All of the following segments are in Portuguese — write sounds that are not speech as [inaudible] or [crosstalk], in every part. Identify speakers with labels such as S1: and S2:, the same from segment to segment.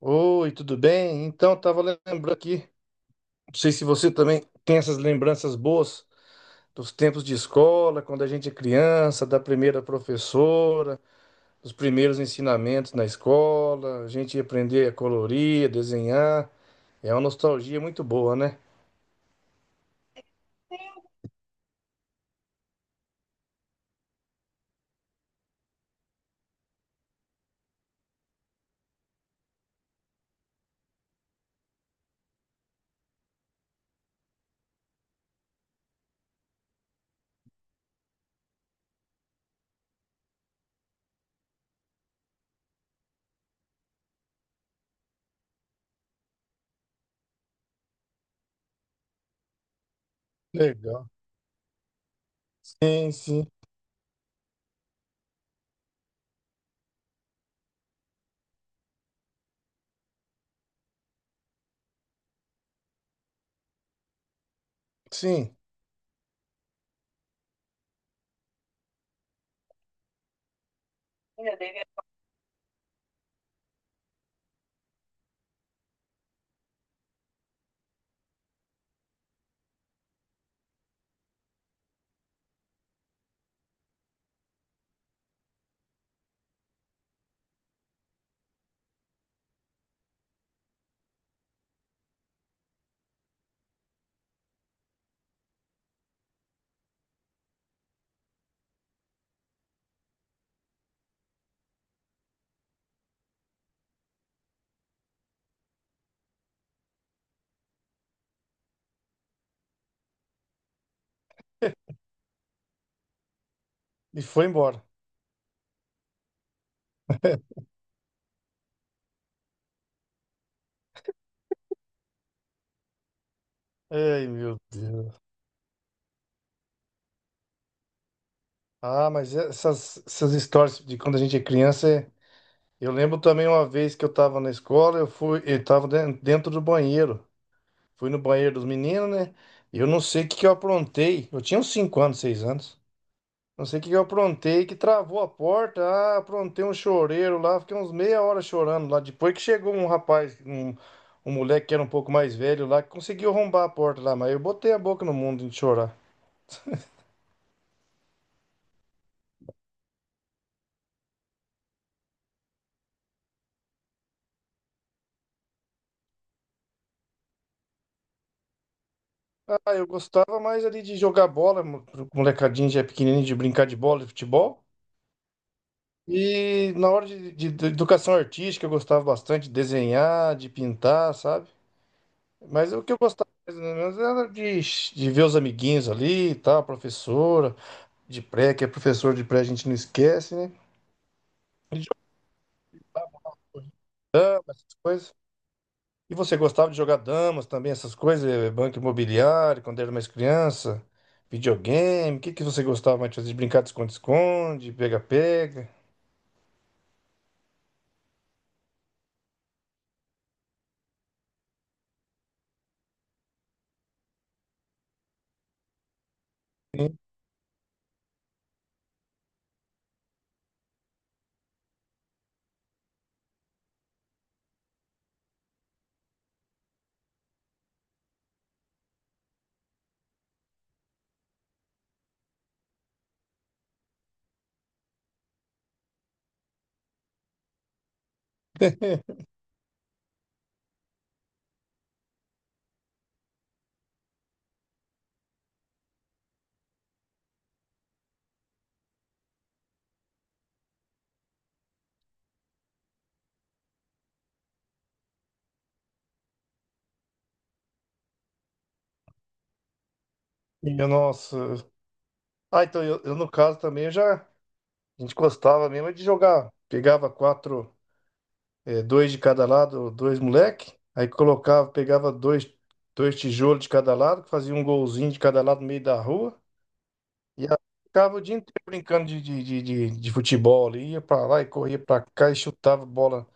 S1: Oi, tudo bem? Então, estava lembrando aqui, não sei se você também tem essas lembranças boas dos tempos de escola, quando a gente é criança, da primeira professora, dos primeiros ensinamentos na escola, a gente ia aprender a colorir, a desenhar. É uma nostalgia muito boa, né? Legal. Sim, sim. Sim. E foi embora. [laughs] Ai, meu Deus. Ah, mas essas histórias de quando a gente é criança. Eu lembro também uma vez que eu tava na escola, eu tava dentro do banheiro. Fui no banheiro dos meninos, né? E eu não sei o que que eu aprontei. Eu tinha uns 5 anos, 6 anos. Não sei o que que eu aprontei, que travou a porta. Ah, aprontei um choreiro lá, fiquei uns meia hora chorando lá. Depois que chegou um rapaz, um moleque que era um pouco mais velho lá, que conseguiu arrombar a porta lá, mas eu botei a boca no mundo de chorar. Ah, eu gostava mais ali de jogar bola, molecadinho já pequenininho, de brincar de bola, de futebol. E na hora de educação artística, eu gostava bastante de desenhar, de pintar, sabe? Mas é o que eu gostava mais ou menos era de ver os amiguinhos ali e tal, a professora de pré, que é professor de pré, a gente não esquece, né? Essas coisas. E você gostava de jogar damas também, essas coisas, banco imobiliário, quando era mais criança, videogame, o que que você gostava mais de fazer? De brincar de esconde-esconde, pega-pega? Sim. [laughs] E, nossa. Ah, no caso também eu já. A gente gostava mesmo é de jogar. Pegava quatro, dois de cada lado, dois moleque. Aí colocava, pegava dois tijolos de cada lado, fazia um golzinho de cada lado no meio da rua. E aí ficava o dia inteiro brincando de futebol ali. Ia pra lá e corria pra cá e chutava bola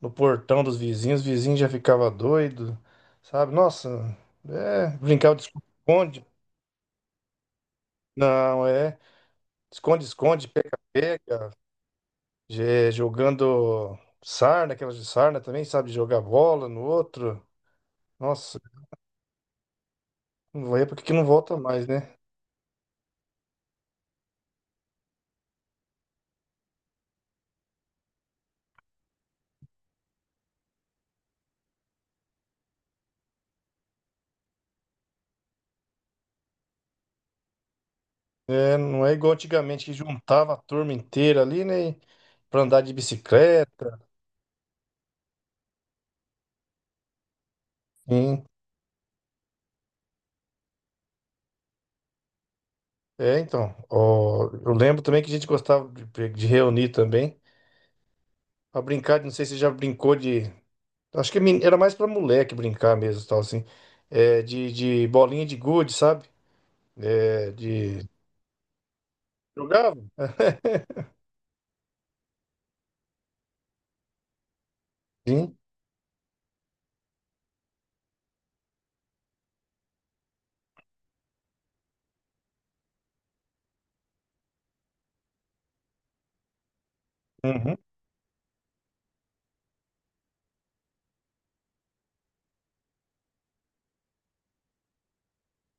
S1: no portão dos vizinhos. Os vizinhos já ficava doido, sabe? Nossa, é, brincava de esconde-esconde. Não, é. Esconde-esconde, pega-pega. Jogando sarna, aquelas de sarna também, sabe? Jogar bola no outro. Nossa, não vai porque que não volta mais, né? É, não é igual antigamente que juntava a turma inteira ali, né? Pra andar de bicicleta. Sim. É, então. Ó, eu lembro também que a gente gostava de reunir também. Pra brincar, não sei se você já brincou de. Acho que é era mais pra moleque brincar mesmo, tal, assim. É, de bolinha de gude, sabe? É, de. Jogava? [laughs] Sim. Uhum.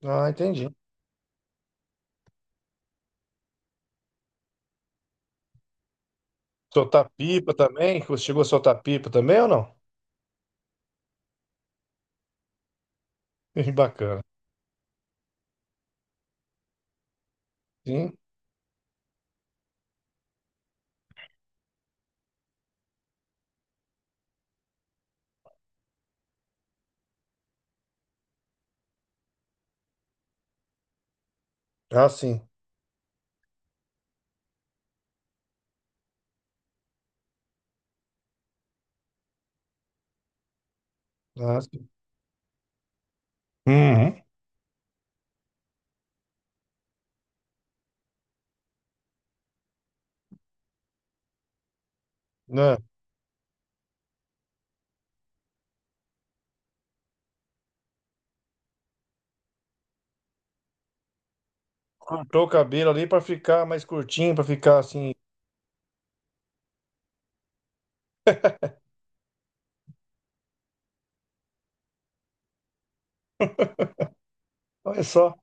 S1: Ah, entendi. Soltar pipa também? Você chegou a soltar pipa também ou não? [laughs] Bacana. Sim. Ah, sim. Ah, sim. Uhum. Né? Cortou o cabelo ali para ficar mais curtinho, para ficar assim. Olha só.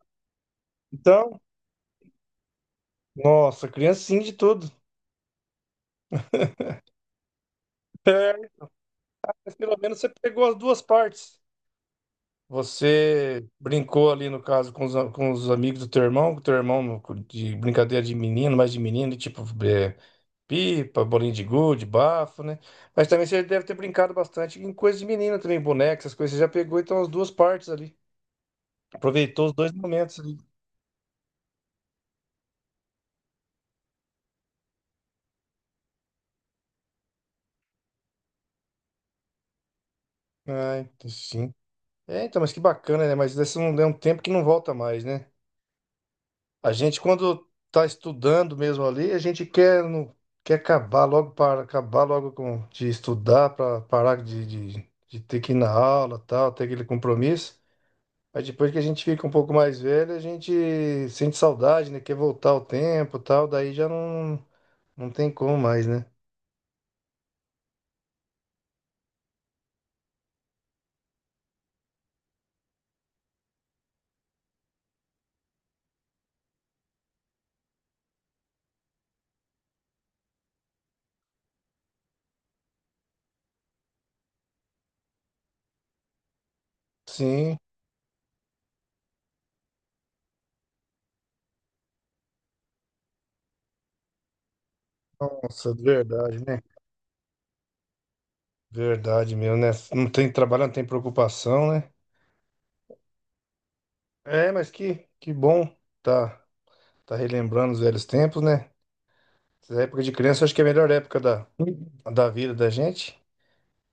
S1: Então, nossa, criancinha de tudo. É, mas pelo menos você pegou as duas partes. Você brincou ali, no caso, com com os amigos do teu irmão, com o teu irmão de brincadeira de menino, mais de menino, tipo, é, pipa, bolinho de gude, bafo, né? Mas também você deve ter brincado bastante em coisas de menina também, boneca, essas coisas. Você já pegou então as duas partes ali. Aproveitou os dois momentos ali. Ah, então sim. É, então, mas que bacana, né? Mas esse não é um tempo que não volta mais, né? A gente, quando tá estudando mesmo ali, a gente quer, não, quer acabar logo para acabar logo de estudar, para parar de ter que ir na aula, tal, ter aquele compromisso. Mas depois que a gente fica um pouco mais velho, a gente sente saudade, né? Quer voltar o tempo, e tal, daí já não, não tem como mais, né? Sim, nossa, verdade, né? Verdade mesmo, né? Não tem trabalho, não tem preocupação, né? É, mas que bom tá, tá relembrando os velhos tempos, né? Essa época de criança, eu acho que é a melhor época da vida da gente.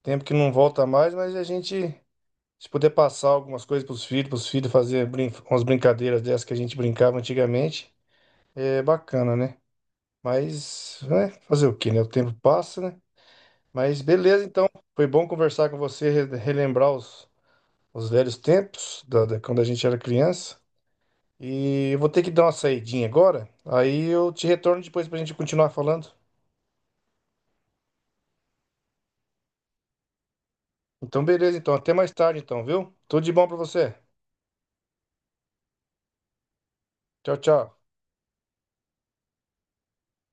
S1: Tempo que não volta mais, mas a gente, se puder passar algumas coisas pros filhos fazer brin umas brincadeiras dessas que a gente brincava antigamente, é bacana, né? Mas, né? Fazer o quê, né? O tempo passa, né? Mas beleza, então. Foi bom conversar com você, relembrar os velhos tempos, quando a gente era criança. E eu vou ter que dar uma saidinha agora. Aí eu te retorno depois pra gente continuar falando. Então, beleza, então. Até mais tarde, então, viu? Tudo de bom pra você. Tchau, tchau.